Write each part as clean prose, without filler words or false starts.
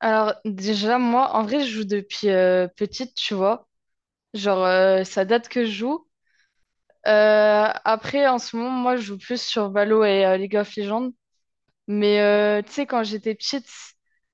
Alors déjà, moi, en vrai, je joue depuis petite, tu vois. Genre, ça date que je joue. Après, en ce moment, moi, je joue plus sur Valo et League of Legends. Mais tu sais, quand j'étais petite,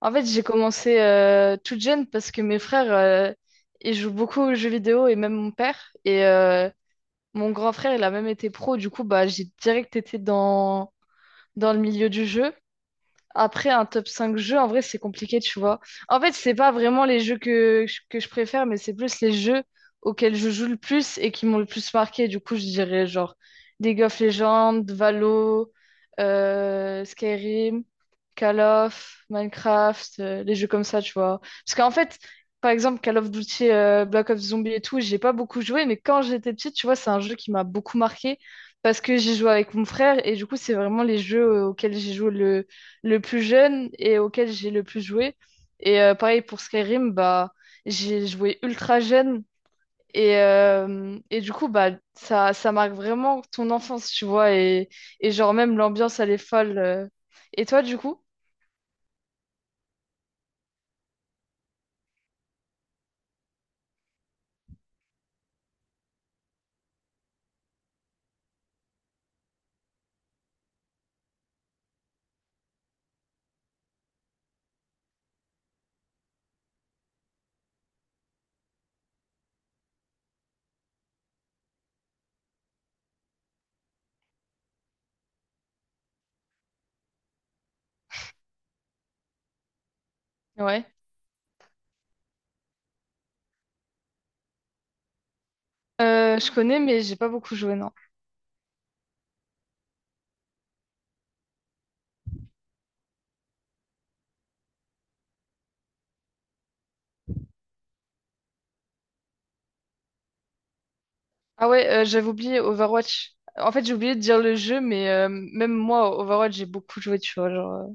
en fait, j'ai commencé toute jeune parce que mes frères, ils jouent beaucoup aux jeux vidéo et même mon père. Et mon grand frère, il a même été pro. Du coup, bah, j'ai direct été dans le milieu du jeu. Après, un top 5 jeux, en vrai, c'est compliqué, tu vois. En fait, c'est pas vraiment les jeux que je préfère, mais c'est plus les jeux auxquels je joue le plus et qui m'ont le plus marqué. Du coup, je dirais genre League of Legends, Valo, Skyrim, Call of, Minecraft, les jeux comme ça, tu vois. Parce qu'en fait, par exemple, Call of Duty, Black Ops Zombie et tout, j'ai pas beaucoup joué, mais quand j'étais petite, tu vois, c'est un jeu qui m'a beaucoup marqué parce que j'ai joué avec mon frère et du coup, c'est vraiment les jeux auxquels j'ai joué le plus jeune et auquel j'ai le plus joué. Et pareil pour Skyrim, bah, j'ai joué ultra jeune. Et du coup, bah, ça marque vraiment ton enfance, tu vois. Et genre, même l'ambiance, elle est folle. Et toi, du coup? Ouais. Je connais, mais j'ai pas beaucoup joué, non. Ah ouais, j'avais oublié Overwatch. En fait, j'ai oublié de dire le jeu, mais même moi, Overwatch, j'ai beaucoup joué, tu vois.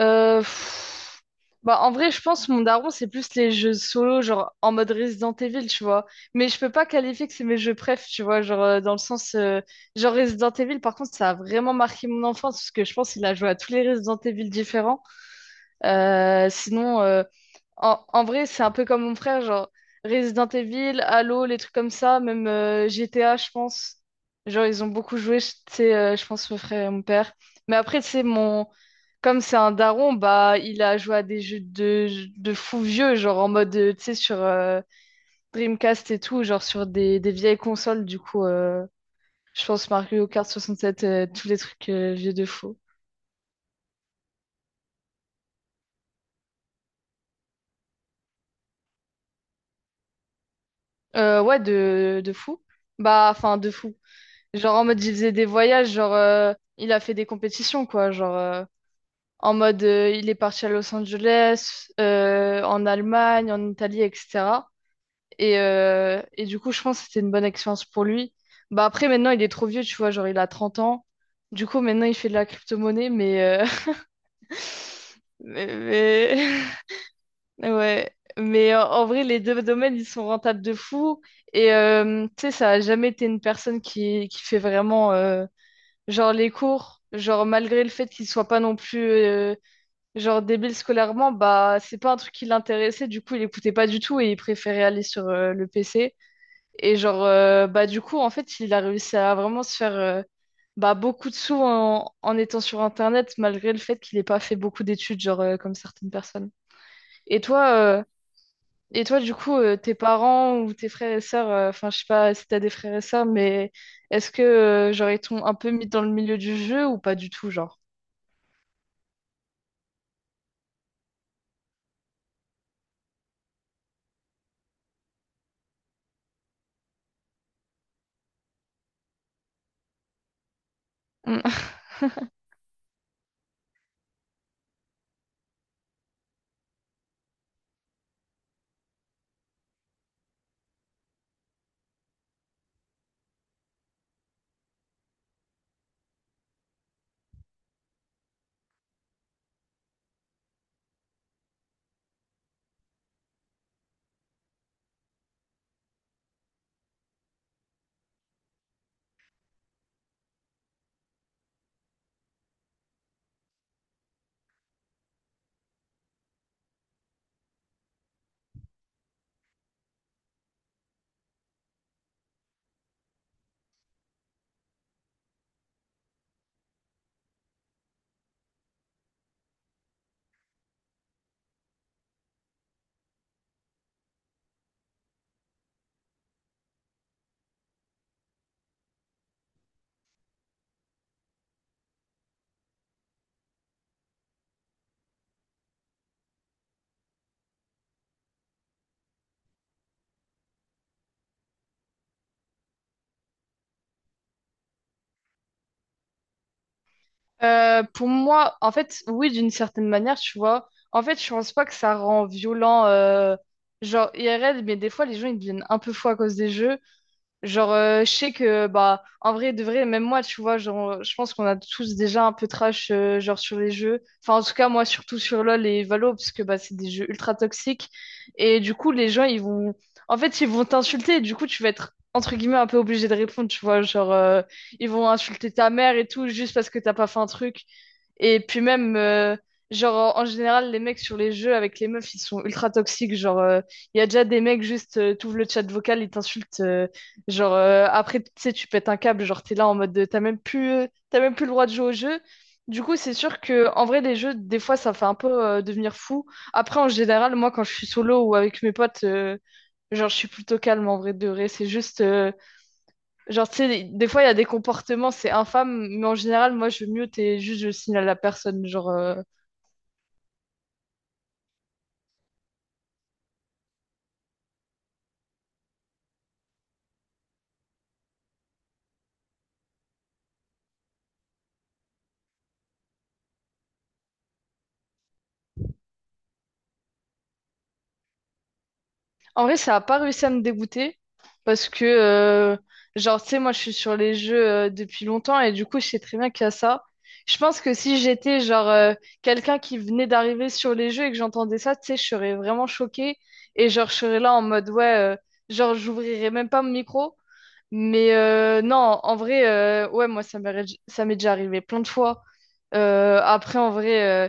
Euh, pff, Bah, en vrai, je pense que mon daron, c'est plus les jeux solo, genre en mode Resident Evil, tu vois. Mais je peux pas qualifier que c'est mes jeux préf, tu vois. Genre, dans le sens. Genre, Resident Evil, par contre, ça a vraiment marqué mon enfance, parce que je pense qu'il a joué à tous les Resident Evil différents. Sinon, en vrai, c'est un peu comme mon frère, genre Resident Evil, Halo, les trucs comme ça, même GTA, je pense. Genre, ils ont beaucoup joué, tu sais, je pense, mon frère et mon père. Mais après, tu sais, comme c'est un daron, bah, il a joué à des jeux de fou vieux, genre en mode, tu sais, sur Dreamcast et tout, genre sur des vieilles consoles, du coup, je pense Mario Kart 67, tous les trucs vieux de fou. Ouais, de fou. Bah, enfin, de fou. Genre en mode il faisait des voyages, genre il a fait des compétitions quoi, genre en mode il est parti à Los Angeles, en Allemagne, en Italie, etc. Et du coup je pense que c'était une bonne expérience pour lui. Bah après maintenant il est trop vieux, tu vois, genre il a 30 ans. Du coup maintenant il fait de la crypto-monnaie, mais, mais, ouais. Mais en vrai les deux domaines ils sont rentables de fou. Et tu sais ça a jamais été une personne qui fait vraiment... Genre les cours, genre malgré le fait qu'il soit pas non plus genre débile scolairement, bah c'est pas un truc qui l'intéressait, du coup il écoutait pas du tout et il préférait aller sur le PC. Et genre bah du coup en fait il a réussi à vraiment se faire bah beaucoup de sous en étant sur internet malgré le fait qu'il ait pas fait beaucoup d'études genre comme certaines personnes. Et toi euh, et toi du coup tes parents ou tes frères et sœurs, enfin je sais pas si t'as des frères et sœurs, mais est-ce que genre ils t'ont un peu mis dans le milieu du jeu ou pas du tout genre? Mm. Pour moi, en fait, oui, d'une certaine manière, tu vois. En fait, je pense pas que ça rend violent, genre IRL, mais des fois, les gens, ils deviennent un peu fous à cause des jeux. Genre, je sais que, bah, en vrai, de vrai, même moi, tu vois, genre, je pense qu'on a tous déjà un peu trash, genre, sur les jeux. Enfin, en tout cas, moi, surtout sur LoL et Valo, parce que, bah, c'est des jeux ultra toxiques. Et du coup, les gens, ils vont, en fait, ils vont t'insulter. Et du coup, tu vas être, entre guillemets, un peu obligé de répondre, tu vois. Genre, ils vont insulter ta mère et tout, juste parce que t'as pas fait un truc. Et puis même, genre, en général, les mecs sur les jeux avec les meufs, ils sont ultra toxiques. Genre, il y a déjà des mecs, juste, t'ouvres le chat vocal, ils t'insultent. Genre, après, tu sais, tu pètes un câble. Genre, t'es là en mode, de, t'as même plus le droit de jouer au jeu. Du coup, c'est sûr que, en vrai, les jeux, des fois, ça fait un peu devenir fou. Après, en général, moi, quand je suis solo ou avec mes potes, genre, je suis plutôt calme en vrai de vrai. C'est juste, genre, tu sais, des fois, il y a des comportements, c'est infâme, mais en général, moi, je mute et juste je signale à la personne. Genre, en vrai, ça a pas réussi à me dégoûter parce que, genre, tu sais, moi, je suis sur les jeux depuis longtemps et du coup, je sais très bien qu'il y a ça. Je pense que si j'étais, genre, quelqu'un qui venait d'arriver sur les jeux et que j'entendais ça, tu sais, je serais vraiment choquée et, genre, je serais là en mode, ouais, genre, j'ouvrirais même pas mon micro. Mais non, en vrai, ouais, moi, ça m'est déjà arrivé plein de fois. Après, en vrai,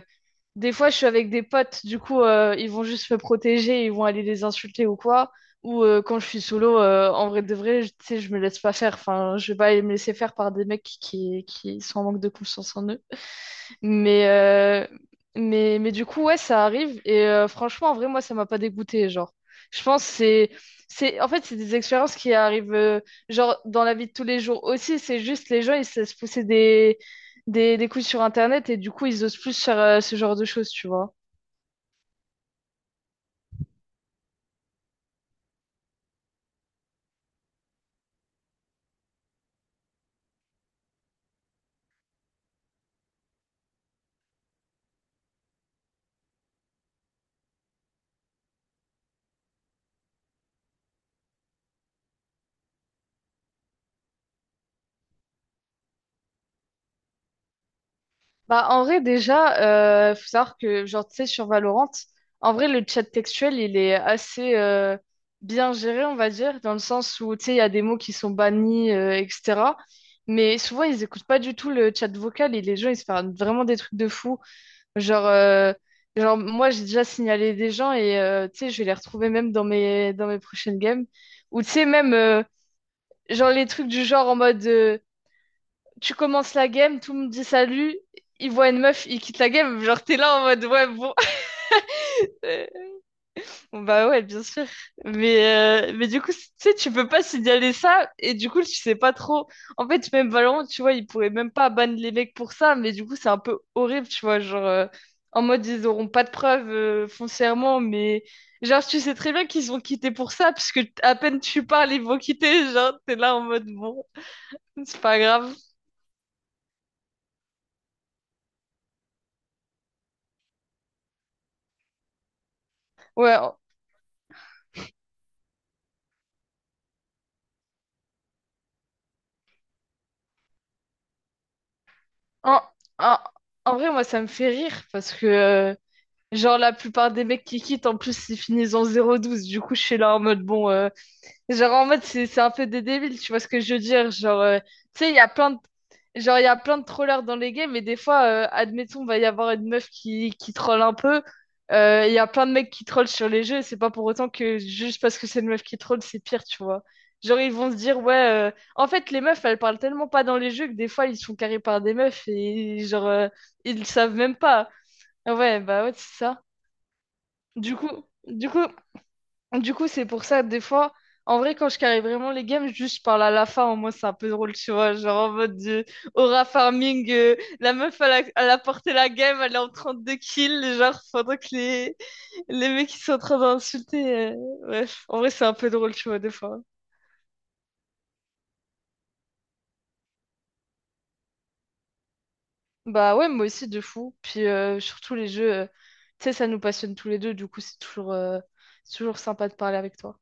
des fois, je suis avec des potes, du coup, ils vont juste me protéger, ils vont aller les insulter ou quoi. Ou quand je suis solo, en vrai de vrai, tu sais, je me laisse pas faire. Enfin, je vais pas aller me laisser faire par des mecs qui sont en manque de confiance en eux. Mais, euh, mais, du coup, ouais, ça arrive. Et franchement, en vrai, moi, ça m'a pas dégoûté, genre. Je pense que c'est, en fait, c'est des expériences qui arrivent, genre, dans la vie de tous les jours aussi. C'est juste les gens, ils se laissent pousser des couilles sur Internet et du coup, ils osent plus faire ce genre de choses, tu vois. Bah, en vrai, déjà, faut savoir que, genre, tu sais, sur Valorant, en vrai, le chat textuel, il est assez bien géré, on va dire, dans le sens où, tu sais, il y a des mots qui sont bannis, etc. Mais souvent, ils écoutent pas du tout le chat vocal et les gens, ils se font vraiment des trucs de fou. Genre, genre moi, j'ai déjà signalé des gens et, tu sais, je vais les retrouver même dans mes prochaines games. Ou, tu sais, même, genre, les trucs du genre en mode. Tu commences la game, tout me dit salut, il voit une meuf, il quitte la game, genre t'es là en mode ouais bon. Bon, bah ouais, bien sûr. Mais, mais du coup, tu sais, tu peux pas signaler ça et du coup, tu sais pas trop. En fait, même Valorant, tu vois, ils pourraient même pas ban les mecs pour ça, mais du coup, c'est un peu horrible, tu vois, genre en mode ils auront pas de preuves foncièrement, mais genre tu sais très bien qu'ils ont quitté pour ça puisque à peine tu parles, ils vont quitter, genre t'es là en mode bon, c'est pas grave. Ouais. En, en- en vrai, moi, ça me fait rire parce que, genre, la plupart des mecs qui quittent, en plus, ils finissent en 0-12. Du coup, je suis là en mode, bon, genre, en mode, c'est un peu des débiles, tu vois ce que je veux dire? Genre, tu sais, il y a plein de... Genre, il y a plein de trollers dans les games, et des fois, admettons, va y avoir une meuf qui troll un peu. Il y a plein de mecs qui trollent sur les jeux, et c'est pas pour autant que juste parce que c'est une meuf qui troll, c'est pire, tu vois. Genre, ils vont se dire, ouais, en fait, les meufs, elles parlent tellement pas dans les jeux que des fois, ils se font carrer par des meufs, et genre, ils le savent même pas. Ah ouais, bah ouais, c'est ça. Du coup, du coup, du coup, c'est pour ça, des fois, en vrai, quand je carry vraiment les games, juste je parle à la Lafa, en moi, c'est un peu drôle, tu vois. Genre en mode Aura Farming, la meuf, elle a porté la game, elle est en 32 kills, genre, pendant que les mecs, ils sont en train d'insulter. Bref, en vrai, c'est un peu drôle, tu vois, des fois. Bah ouais, moi aussi, de fou. Puis surtout, les jeux, tu sais, ça nous passionne tous les deux, du coup, c'est toujours sympa de parler avec toi.